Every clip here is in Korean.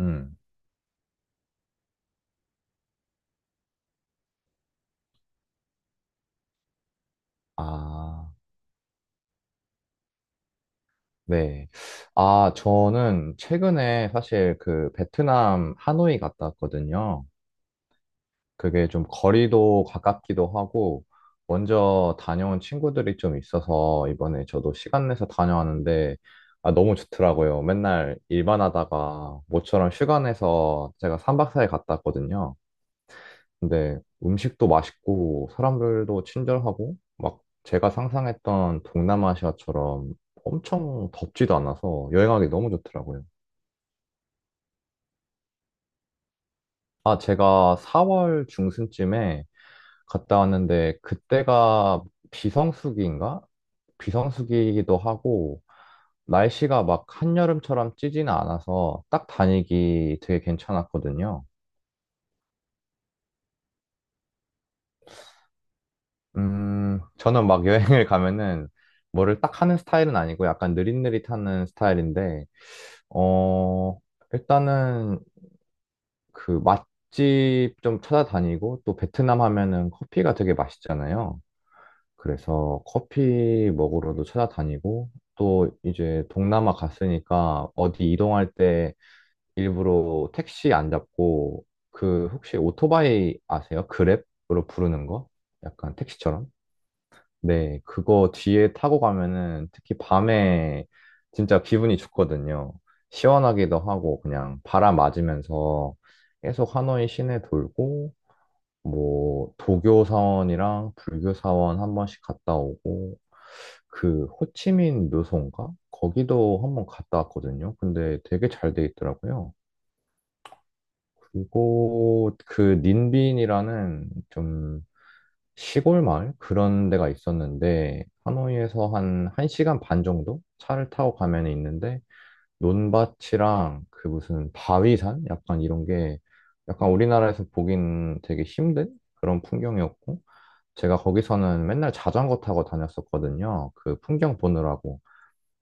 음, 아, 네. 아, 저는 최근에 사실 그 베트남 하노이 갔다 왔거든요. 그게 좀 거리도 가깝기도 하고, 먼저 다녀온 친구들이 좀 있어서 이번에 저도 시간 내서 다녀왔는데, 아, 너무 좋더라고요. 맨날 일만 하다가 모처럼 휴가 내서 제가 3박 4일 갔다 왔거든요. 근데 음식도 맛있고 사람들도 친절하고 막 제가 상상했던 동남아시아처럼 엄청 덥지도 않아서 여행하기 너무 좋더라고요. 아, 제가 4월 중순쯤에 갔다 왔는데 그때가 비성수기인가? 비성수기이기도 하고 날씨가 막 한여름처럼 찌지는 않아서 딱 다니기 되게 괜찮았거든요. 저는 막 여행을 가면은 뭐를 딱 하는 스타일은 아니고 약간 느릿느릿하는 스타일인데, 어, 일단은 그 맛집 좀 찾아다니고 또 베트남 하면은 커피가 되게 맛있잖아요. 그래서 커피 먹으러도 찾아다니고 또 이제 동남아 갔으니까 어디 이동할 때 일부러 택시 안 잡고 그 혹시 오토바이 아세요? 그랩으로 부르는 거? 약간 택시처럼? 네, 그거 뒤에 타고 가면은 특히 밤에 진짜 기분이 좋거든요. 시원하기도 하고 그냥 바람 맞으면서 계속 하노이 시내 돌고 뭐 도교 사원이랑 불교 사원 한 번씩 갔다 오고 그 호치민 묘소인가? 거기도 한 번 갔다 왔거든요. 근데 되게 잘 돼 있더라고요. 그리고 그 닌빈이라는 좀 시골 마을 그런 데가 있었는데 하노이에서 한 1시간 반 정도 차를 타고 가면 있는데 논밭이랑 그 무슨 바위산 약간 이런 게 약간 우리나라에서 보긴 되게 힘든 그런 풍경이었고 제가 거기서는 맨날 자전거 타고 다녔었거든요. 그 풍경 보느라고.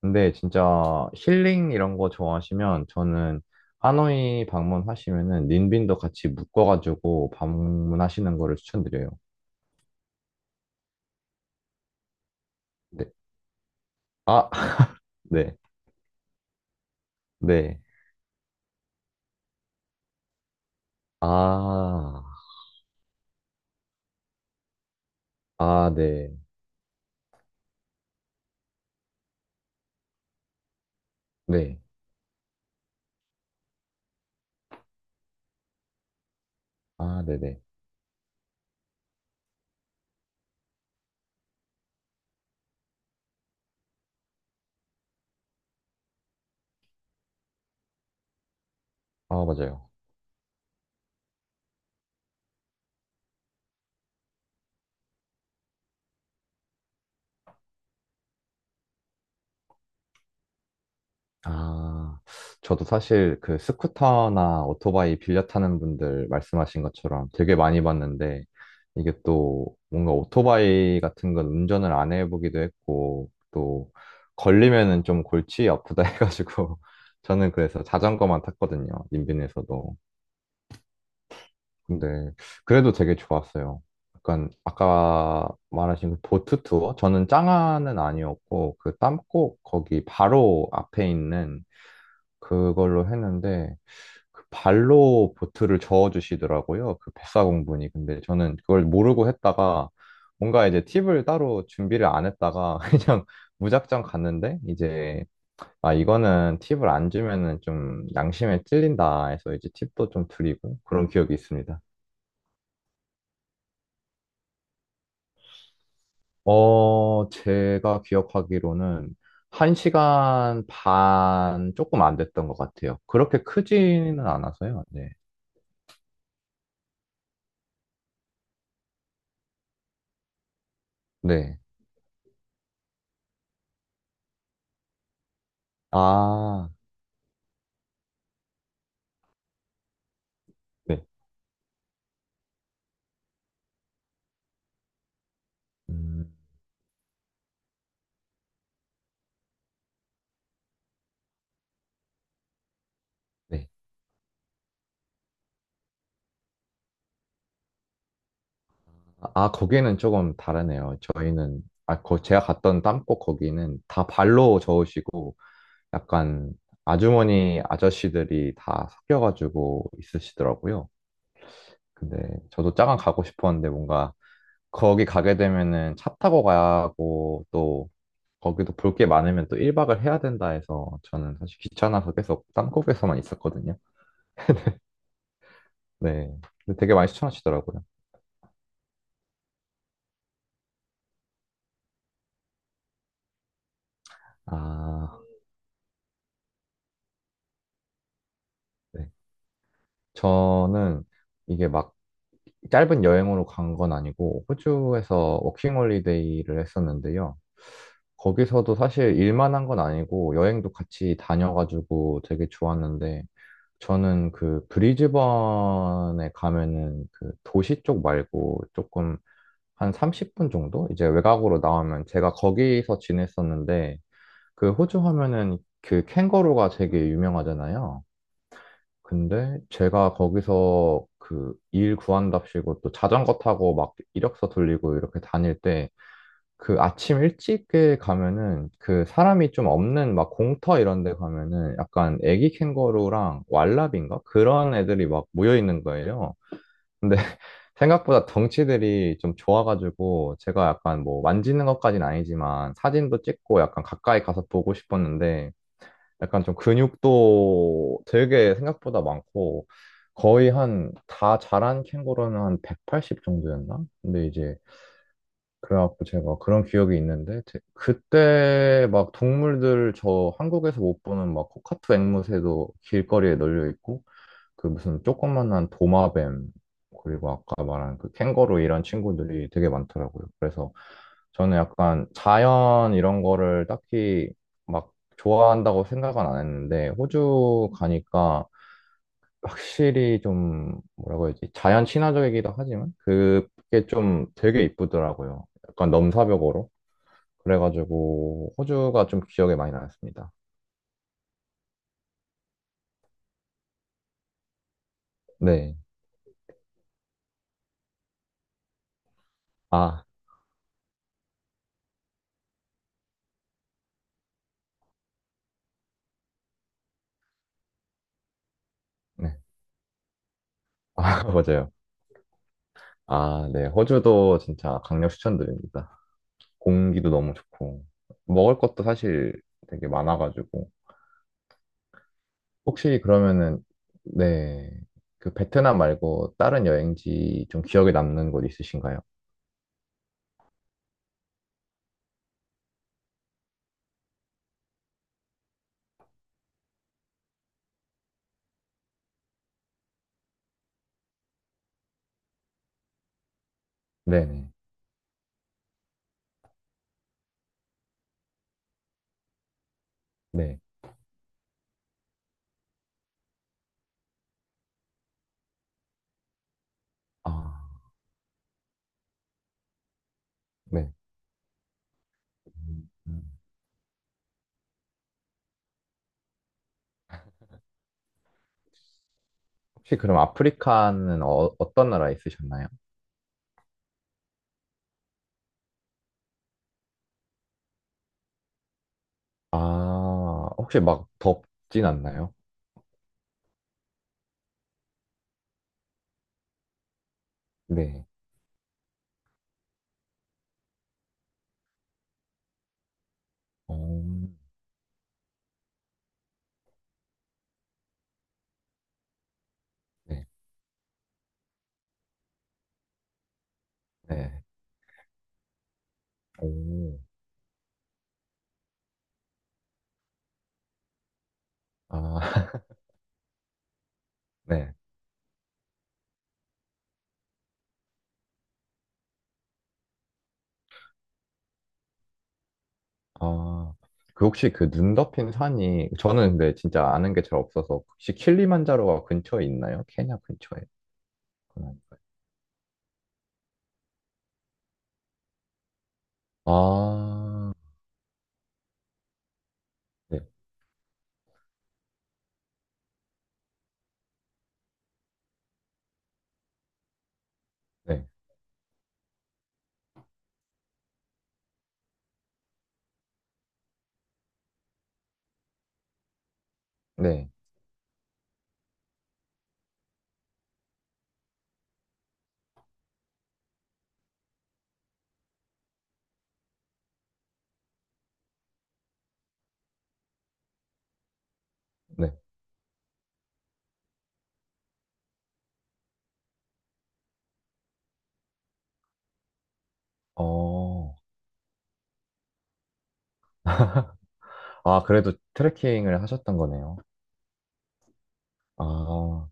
근데 진짜 힐링 이런 거 좋아하시면 저는 하노이 방문하시면은 닌빈도 같이 묶어가지고 방문하시는 거를 추천드려요. 네. 아, 네, 네. 아, 아, 네, 네. 아, 네네. 아, 맞아요. 아, 저도 사실 그 스쿠터나 오토바이 빌려 타는 분들 말씀하신 것처럼 되게 많이 봤는데, 이게 또 뭔가 오토바이 같은 건 운전을 안 해보기도 했고, 또 걸리면은 좀 골치 아프다 해가지고, 저는 그래서 자전거만 탔거든요. 인근에서도. 근데 그래도 되게 좋았어요. 약간 아까 말하신 그 보트 투어? 저는 짱아는 아니었고 그 땀꼭 거기 바로 앞에 있는 그걸로 했는데 그 발로 보트를 저어주시더라고요. 그 뱃사공분이. 근데 저는 그걸 모르고 했다가 뭔가 이제 팁을 따로 준비를 안 했다가 그냥 무작정 갔는데 이제 아 이거는 팁을 안 주면은 좀 양심에 찔린다 해서 이제 팁도 좀 드리고 그런 기억이 있습니다. 제가 기억하기로는 한시간반 조금 안 됐던 것 같아요. 그렇게 크지는 않아서요. 네. 네. 아, 네. 음, 네. 아, 거기는 조금 다르네요. 저희는, 제가 갔던 땅꽃 거기는 다 발로 저으시고 약간 아주머니, 아저씨들이 다 섞여가지고 있으시더라고요. 근데 저도 짜강 가고 싶었는데 뭔가 거기 가게 되면은 차 타고 가야 하고 또 거기도 볼 게 많으면 또 1박을 해야 된다 해서 저는 사실 귀찮아서 계속 땅콩에서만 있었거든요. 네. 근데 되게 많이 추천하시더라고요. 아, 네. 저는 이게 막 짧은 여행으로 간 건 아니고 호주에서 워킹홀리데이를 했었는데요. 거기서도 사실 일만 한 건 아니고 여행도 같이 다녀가지고 되게 좋았는데 저는 그 브리즈번에 가면은 그 도시 쪽 말고 조금 한 30분 정도? 이제 외곽으로 나오면 제가 거기서 지냈었는데 그 호주 하면은 그 캥거루가 되게 유명하잖아요. 근데 제가 거기서 그 일 구한답시고 또 자전거 타고 막 이력서 돌리고 이렇게 다닐 때 그 아침 일찍에 가면은 그 사람이 좀 없는 막 공터 이런 데 가면은 약간 애기 캥거루랑 왈라비인가? 그런 애들이 막 모여 있는 거예요. 근데 생각보다 덩치들이 좀 좋아가지고 제가 약간 뭐 만지는 것까지는 아니지만 사진도 찍고 약간 가까이 가서 보고 싶었는데 약간 좀 근육도 되게 생각보다 많고 거의 한 다 자란 캥거루는 한 180 정도였나? 근데 이제 그래갖고 제가 그런 기억이 있는데 그때 막 동물들 저 한국에서 못 보는 막 코카투 앵무새도 길거리에 널려 있고 그 무슨 조그만한 도마뱀 그리고 아까 말한 그 캥거루 이런 친구들이 되게 많더라고요. 그래서 저는 약간 자연 이런 거를 딱히 막 좋아한다고 생각은 안 했는데 호주 가니까 확실히 좀 뭐라고 해야지 자연 친화적이기도 하지만 그게 좀 되게 이쁘더라고요. 약간 넘사벽으로 그래가지고 호주가 좀 기억에 많이 남습니다. 네, 아, 네, 아 맞아요. 아, 네, 호주도 진짜 강력 추천드립니다. 공기도 너무 좋고 먹을 것도 사실 되게 많아가지고 혹시 그러면은 네, 그 베트남 말고 다른 여행지 좀 기억에 남는 곳 있으신가요? 네네, 네, 아, 네. 음. 혹시 그럼 아프리카는 어떤 나라에 있으셨나요? 아, 혹시 막 덥진 않나요? 네. 어, 네. 네. 오. 아, 네. 아, 그 혹시 그 눈 덮인 산이, 저는 근데 진짜 아는 게 잘 없어서, 혹시 킬리만자로가 근처에 있나요? 케냐 근처에. 그건 아니- 아, 네. 네. 네. 네. 어. 아, 그래도 트레킹을 하셨던 거네요. 아.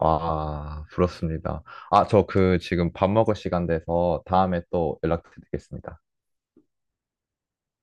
아, 부럽습니다. 아, 저 그 지금 밥 먹을 시간 돼서 다음에 또 연락드리겠습니다.